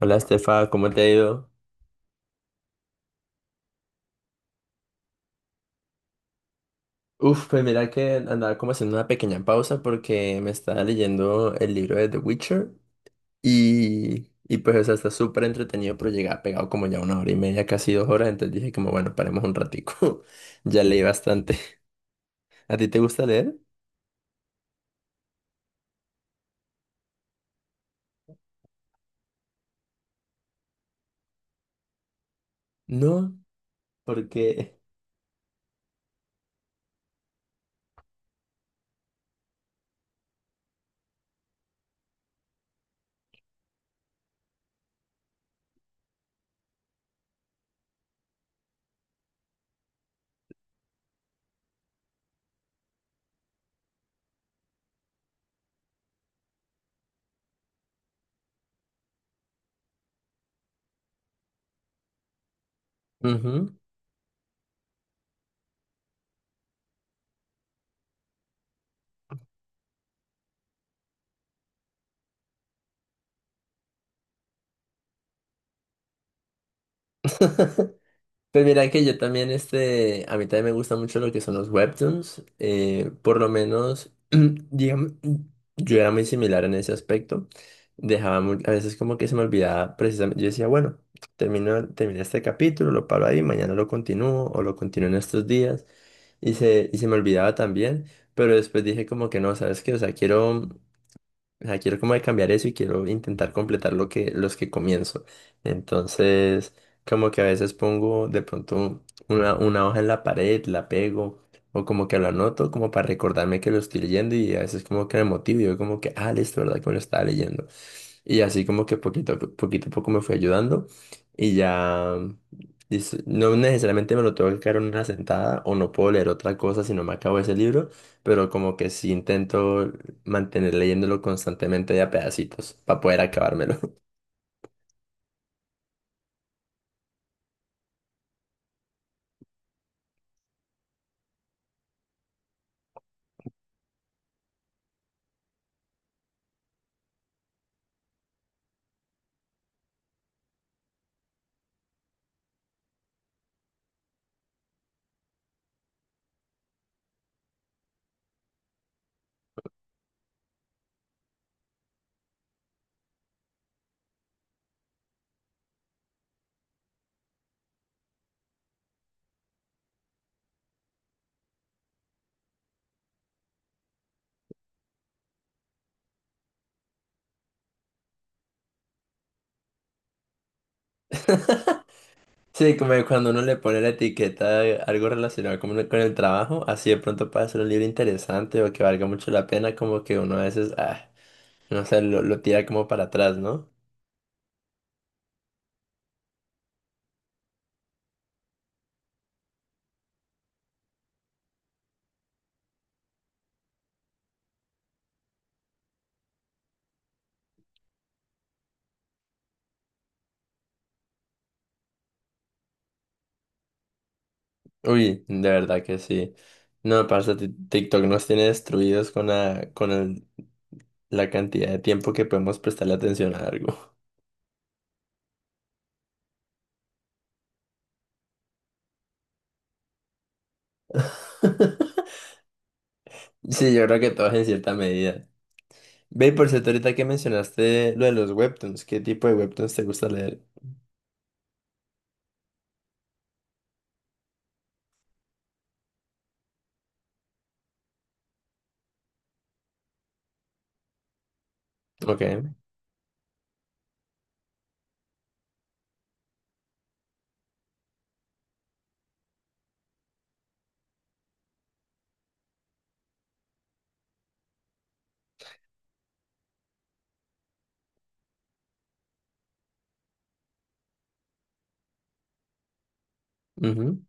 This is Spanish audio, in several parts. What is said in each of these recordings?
Hola Estefa, ¿cómo te ha ido? Uf, pues mira que andaba como haciendo una pequeña pausa porque me estaba leyendo el libro de The Witcher y pues o sea, está súper entretenido, pero llegaba pegado como ya 1 hora y media, casi 2 horas, entonces dije como bueno, paremos un ratico. Ya leí bastante. ¿A ti te gusta leer? No, porque... Ujú. Pues mira que yo también, este, a mí también me gusta mucho lo que son los webtoons, por lo menos, digamos, yo era muy similar en ese aspecto, dejaba a veces como que se me olvidaba precisamente, yo decía, bueno, terminé este capítulo, lo paro ahí, mañana lo continúo o lo continúo en estos días, y se me olvidaba también, pero después dije como que no, ¿sabes qué? O sea, quiero como de cambiar eso y quiero intentar completar lo que, los que comienzo. Entonces, como que a veces pongo de pronto una hoja en la pared, la pego, o como que lo anoto como para recordarme que lo estoy leyendo y a veces como que me motivo y digo como que, ah, listo, ¿verdad? Que me lo estaba leyendo. Y así como que poquito a poco me fue ayudando y ya dice, no necesariamente me lo tengo que caer en una sentada o no puedo leer otra cosa si no me acabo ese libro, pero como que sí intento mantener leyéndolo constantemente de a pedacitos para poder acabármelo. Sí, como que cuando uno le pone la etiqueta de algo relacionado con el trabajo, así de pronto puede ser un libro interesante o que valga mucho la pena, como que uno a veces, ah, no sé, lo tira como para atrás, ¿no? Uy, de verdad que sí. No, parce, TikTok nos tiene destruidos con la cantidad de tiempo que podemos prestarle atención a algo. Sí, yo creo que todos en cierta medida. Ve, y por cierto, ahorita que mencionaste lo de los webtoons, ¿qué tipo de webtoons te gusta leer? Ok. Ujú.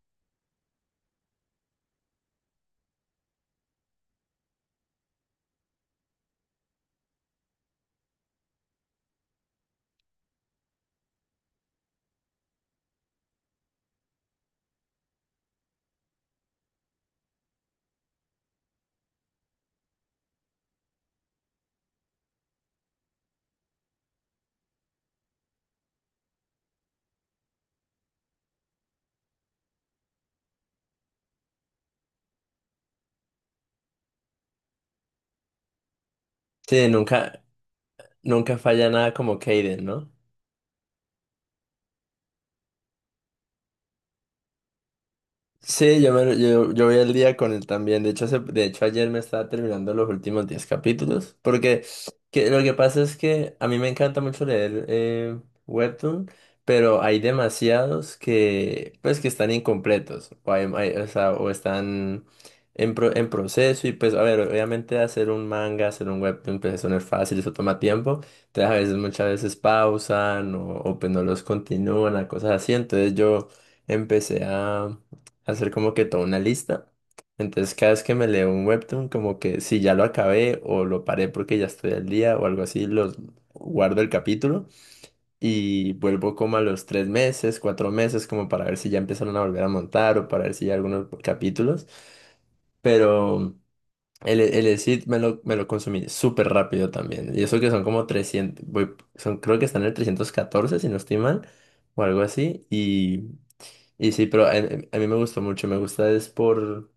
Sí, nunca falla nada como Kaden, ¿no? Sí, yo voy al día con él también. De hecho, ayer me estaba terminando los últimos 10 capítulos. Lo que pasa es que a mí me encanta mucho leer webtoon, pero hay demasiados que, pues, que están incompletos. O, o sea, o están en, en proceso. Y pues, a ver, obviamente hacer un manga, hacer un webtoon, pues eso no es fácil, eso toma tiempo. Entonces, a veces, muchas veces pausan o pues no los continúan, a cosas así. Entonces yo empecé a hacer como que toda una lista. Entonces, cada vez que me leo un webtoon, como que si ya lo acabé o lo paré porque ya estoy al día o algo así, los guardo el capítulo y vuelvo como a los 3 meses, 4 meses, como para ver si ya empezaron a volver a montar o para ver si hay algunos capítulos. Pero el Exit me me lo consumí súper rápido también. Y eso que son como son, creo que están en el 314 si no estoy mal, o algo así. Y sí, pero a mí me gustó mucho, me gusta es por...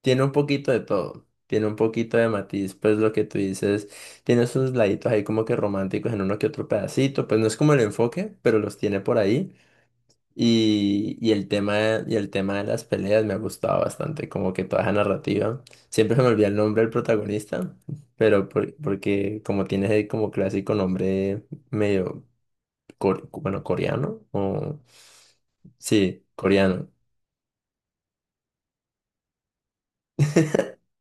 Tiene un poquito de todo, tiene un poquito de matiz, pues lo que tú dices, tiene sus laditos ahí como que románticos en uno que otro pedacito, pues no es como el enfoque, pero los tiene por ahí. Y el tema de las peleas me ha gustado bastante, como que toda esa narrativa. Siempre se me olvida el nombre del protagonista, pero porque como tiene ese como clásico nombre medio, cor bueno, coreano, o... Sí, coreano.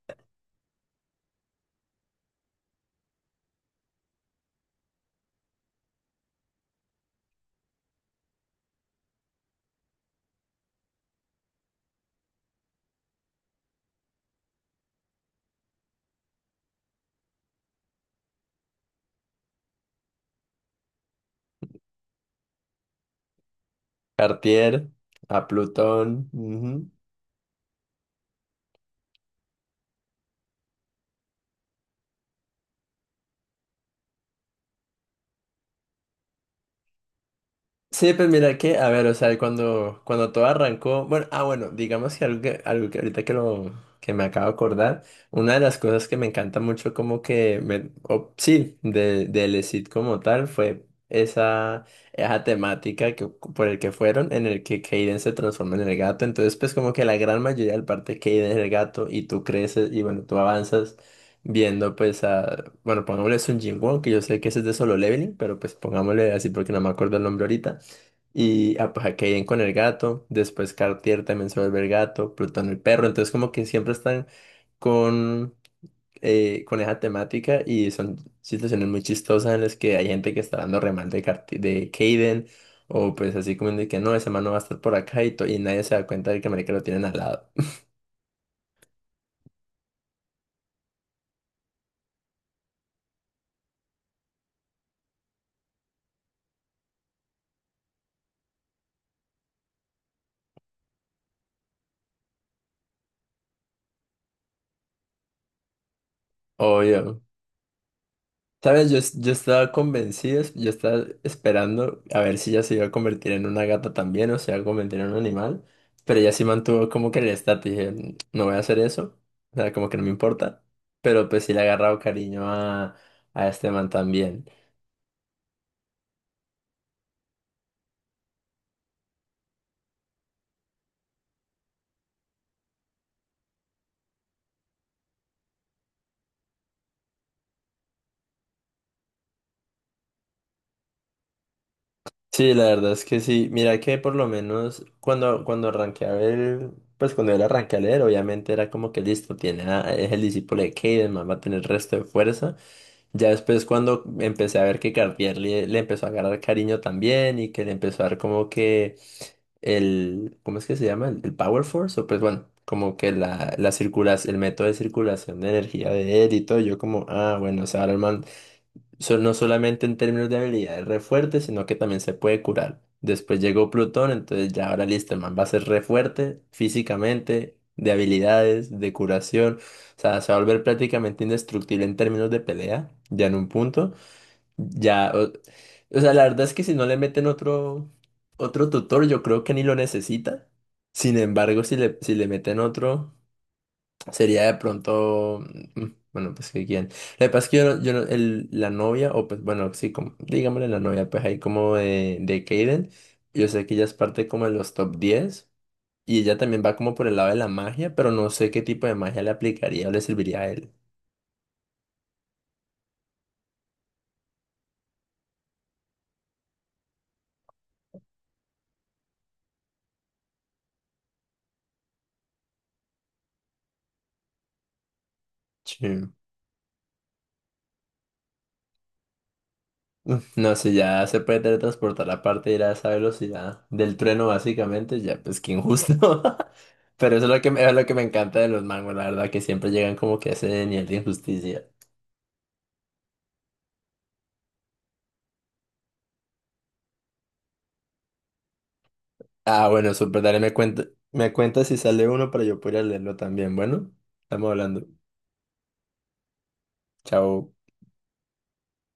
Cartier, a Plutón. Ujú. Sí, pues mira que, a ver, o sea, cuando todo arrancó, bueno, ah, bueno, digamos que algo que ahorita que lo, que me acabo de acordar, una de las cosas que me encanta mucho como que, me, o- sí, de, del ESID como tal, fue esa temática que, por el que fueron, en el que Kaden se transforma en el gato, entonces pues como que la gran mayoría del parte Kaden es el gato, y tú creces, y bueno, tú avanzas, viendo pues a, bueno, pongámosle Sun Jin Won, que yo sé que ese es de Solo Leveling, pero pues pongámosle así porque no me acuerdo el nombre ahorita. Y ah, pues, Kaiden con el gato, después Cartier también se vuelve el gato, Plutón el perro, entonces como que siempre están con, con esa temática y son situaciones muy chistosas en las que hay gente que está dando remal de, de Kaiden o pues así como de que no, ese man no va a estar por acá y, y nadie se da cuenta de que marica lo tienen al lado. Obvio. Sabes, yo estaba convencido, yo estaba esperando a ver si ella se iba a convertir en una gata también o se iba a convertir en un animal, pero ella sí mantuvo como que el estatus, dije, "Mm, no voy a hacer eso, o sea, como que no me importa, pero pues sí le ha agarrado cariño a este man también. Sí, la verdad es que sí. Mira que por lo menos cuando, cuando arranqué a ver, pues cuando él arranqué a leer, obviamente era como que listo, tiene es el discípulo de Caden, más va a tener resto de fuerza. Ya después cuando empecé a ver que Cartier le empezó a agarrar cariño también y que le empezó a dar como que el, ¿cómo es que se llama? El Power Force, o pues bueno, como que la circulación, el método de circulación de energía de él y todo, yo como, ah, bueno, o sea, ahora el man no solamente en términos de habilidad es re fuerte, sino que también se puede curar. Después llegó Plutón, entonces ya ahora listo, el man va a ser re fuerte físicamente, de habilidades, de curación. O sea, se va a volver prácticamente indestructible en términos de pelea, ya en un punto. Ya, o sea, la verdad es que si no le meten otro tutor, yo creo que ni lo necesita. Sin embargo, si le meten otro. Sería de pronto, mm, bueno, pues que quién. Lo que pasa es que yo, no- yo no- el, la novia, o pues bueno, sí, como, digámosle la novia, pues ahí como de Kaden, yo sé que ella es parte como de los top 10 y ella también va como por el lado de la magia, pero no sé qué tipo de magia le aplicaría o le serviría a él. Sí. Uf, no, si ya se puede teletransportar aparte de ir a esa velocidad del trueno, básicamente, ya, pues qué injusto. Pero eso es lo que es lo que me encanta de los mangos, la verdad, que siempre llegan como que a ese nivel de injusticia. Ah, bueno, súper, dale, me cuenta si sale uno para yo poder leerlo también. Bueno, estamos hablando. Chao.